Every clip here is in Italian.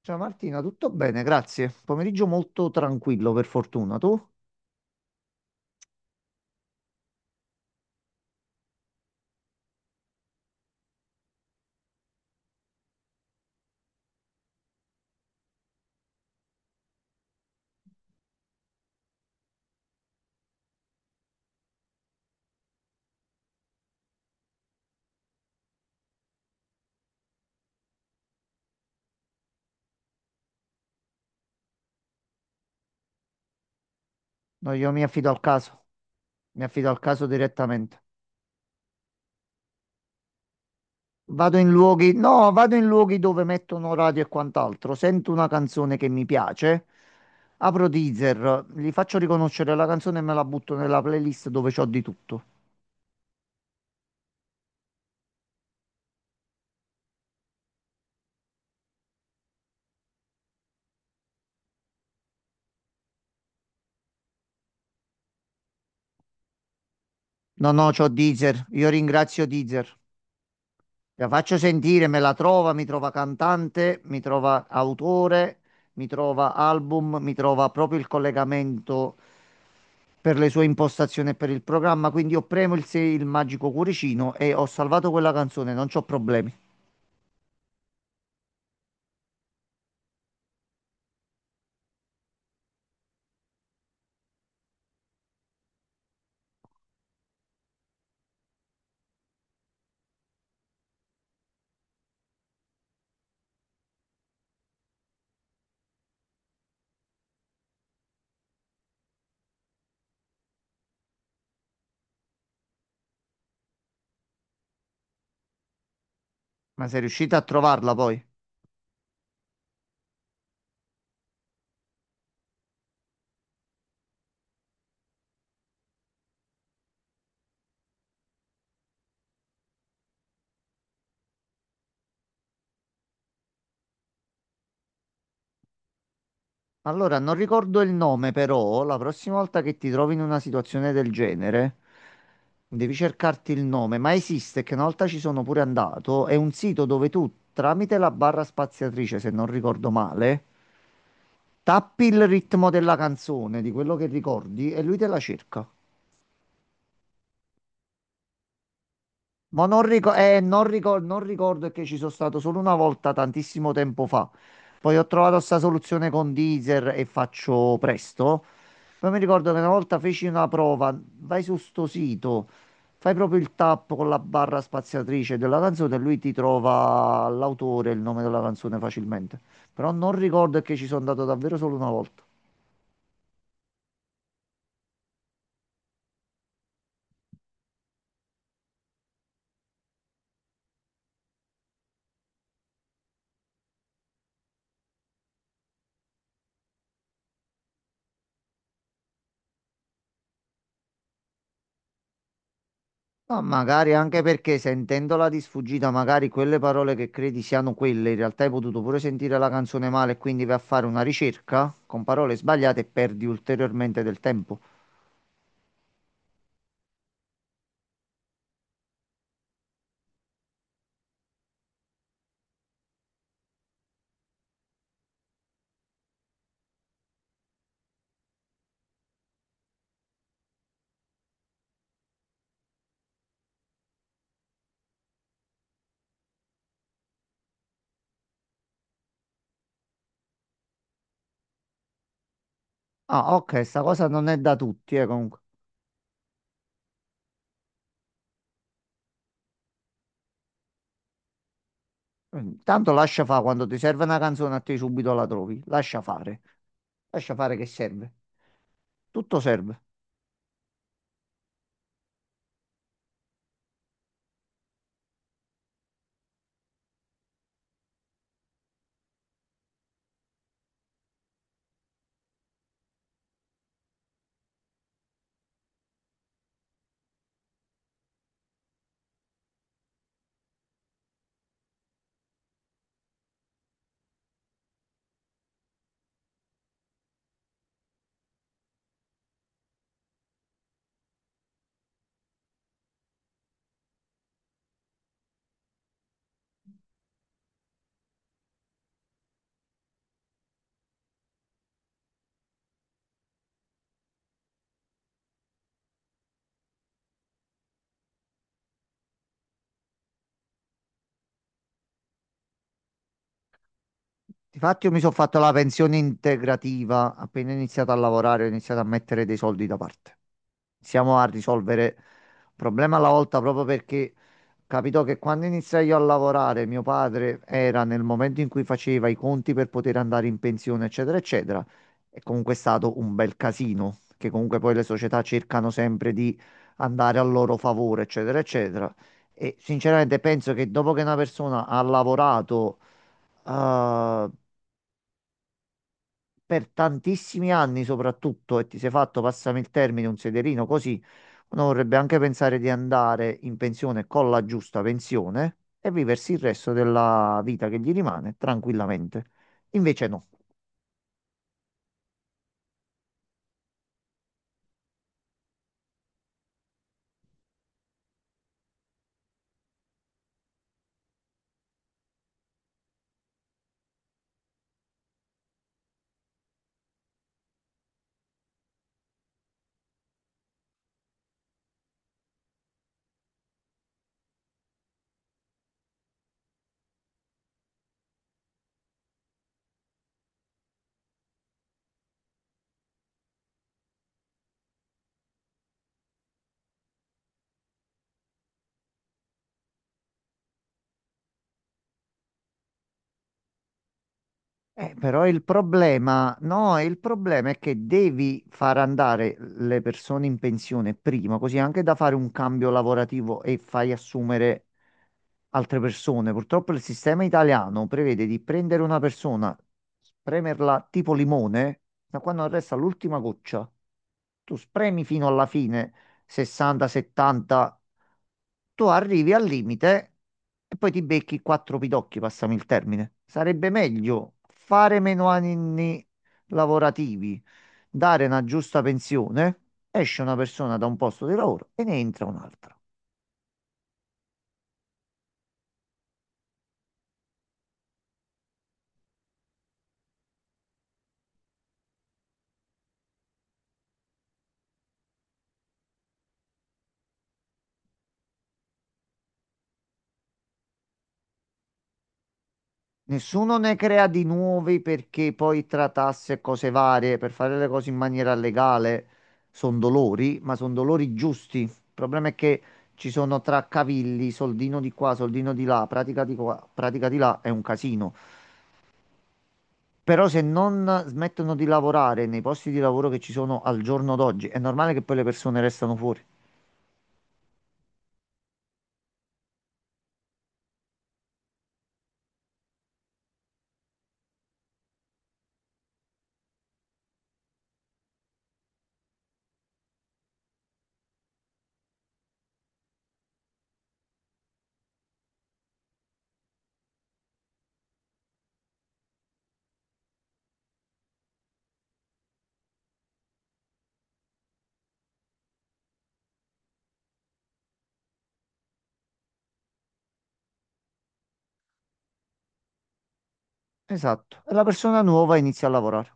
Ciao Martina, tutto bene, grazie. Pomeriggio molto tranquillo, per fortuna. Tu? No, io mi affido al caso. Mi affido al caso direttamente. Vado in luoghi, no, vado in luoghi dove mettono radio e quant'altro. Sento una canzone che mi piace, apro Deezer, gli faccio riconoscere la canzone e me la butto nella playlist dove c'ho di tutto. No, no, c'ho Deezer. Io ringrazio Deezer. La faccio sentire, me la trova, mi trova cantante, mi trova autore, mi trova album, mi trova proprio il collegamento per le sue impostazioni e per il programma. Quindi io premo il, il magico cuoricino e ho salvato quella canzone, non c'ho problemi. Ma sei riuscita a trovarla poi? Allora, non ricordo il nome, però la prossima volta che ti trovi in una situazione del genere, devi cercarti il nome, ma esiste, che una volta ci sono pure andato, è un sito dove tu, tramite la barra spaziatrice, se non ricordo male, tappi il ritmo della canzone, di quello che ricordi, e lui te la cerca. Non ricordo, è che ci sono stato solo una volta tantissimo tempo fa. Poi ho trovato sta soluzione con Deezer e faccio presto. Poi mi ricordo che una volta feci una prova, vai su sto sito, fai proprio il tap con la barra spaziatrice della canzone e lui ti trova l'autore e il nome della canzone facilmente. Però non ricordo, è che ci sono andato davvero solo una volta. Ma magari anche perché sentendola di sfuggita, magari quelle parole che credi siano quelle, in realtà hai potuto pure sentire la canzone male e quindi vai a fare una ricerca con parole sbagliate e perdi ulteriormente del tempo. Ah, ok, sta cosa non è da tutti, comunque. Mm. Tanto lascia fare, quando ti serve una canzone a te subito la trovi. Lascia fare. Lascia fare che serve. Tutto serve. Difatti io mi sono fatto la pensione integrativa, appena iniziato a lavorare ho iniziato a mettere dei soldi da parte. Siamo a risolvere un problema alla volta proprio perché capito che quando iniziai io a lavorare, mio padre era nel momento in cui faceva i conti per poter andare in pensione, eccetera, eccetera. È comunque stato un bel casino, che comunque poi le società cercano sempre di andare a loro favore, eccetera, eccetera. E sinceramente penso che dopo che una persona ha lavorato eh, per tantissimi anni soprattutto e ti sei fatto, passami il termine, un sederino così, uno vorrebbe anche pensare di andare in pensione con la giusta pensione e viversi il resto della vita che gli rimane tranquillamente. Invece no. Però il problema, no, il problema è che devi far andare le persone in pensione prima, così anche da fare un cambio lavorativo e fai assumere altre persone. Purtroppo il sistema italiano prevede di prendere una persona, spremerla tipo limone, da quando resta l'ultima goccia. Tu spremi fino alla fine, 60, 70, tu arrivi al limite e poi ti becchi quattro pidocchi, passami il termine. Sarebbe meglio fare meno anni lavorativi, dare una giusta pensione, esce una persona da un posto di lavoro e ne entra un'altra. Nessuno ne crea di nuovi perché poi tra tasse e cose varie, per fare le cose in maniera legale, sono dolori, ma sono dolori giusti. Il problema è che ci sono traccavigli, soldino di qua, soldino di là, pratica di qua, pratica di là, è un casino. Però se non smettono di lavorare nei posti di lavoro che ci sono al giorno d'oggi, è normale che poi le persone restano fuori. Esatto. E la persona nuova inizia a lavorare.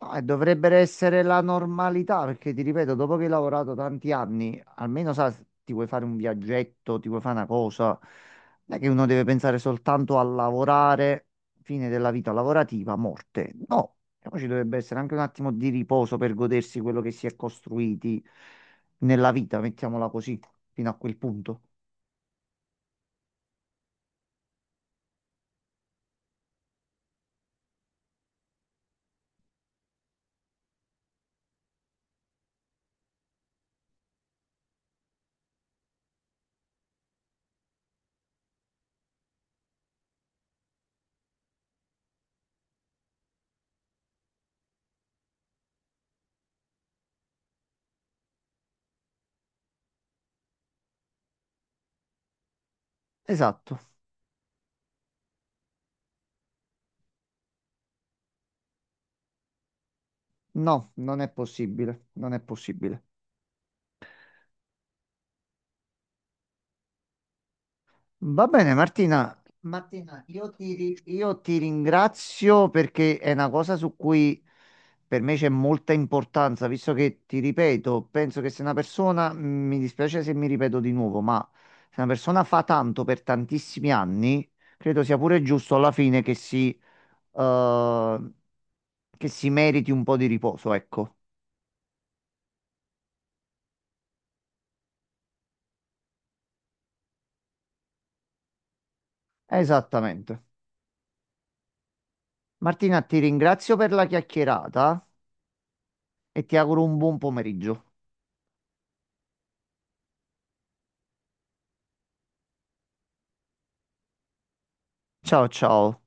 Ah, dovrebbero essere la normalità, perché ti ripeto, dopo che hai lavorato tanti anni, almeno sa, ti vuoi fare un viaggetto, ti vuoi fare una cosa. Non è che uno deve pensare soltanto a lavorare, fine della vita lavorativa, morte. No. E poi ci dovrebbe essere anche un attimo di riposo per godersi quello che si è costruiti nella vita, mettiamola così, fino a quel punto. Esatto. No, non è possibile, non è possibile. Va bene, Martina. Martina, io ti, io ti ringrazio perché è una cosa su cui per me c'è molta importanza, visto che ti ripeto, penso che se una persona, mi dispiace se mi ripeto di nuovo, ma se una persona fa tanto per tantissimi anni, credo sia pure giusto alla fine eh, che si meriti un po' di riposo, ecco. Esattamente. Martina, ti ringrazio per la chiacchierata e ti auguro un buon pomeriggio. Ciao ciao.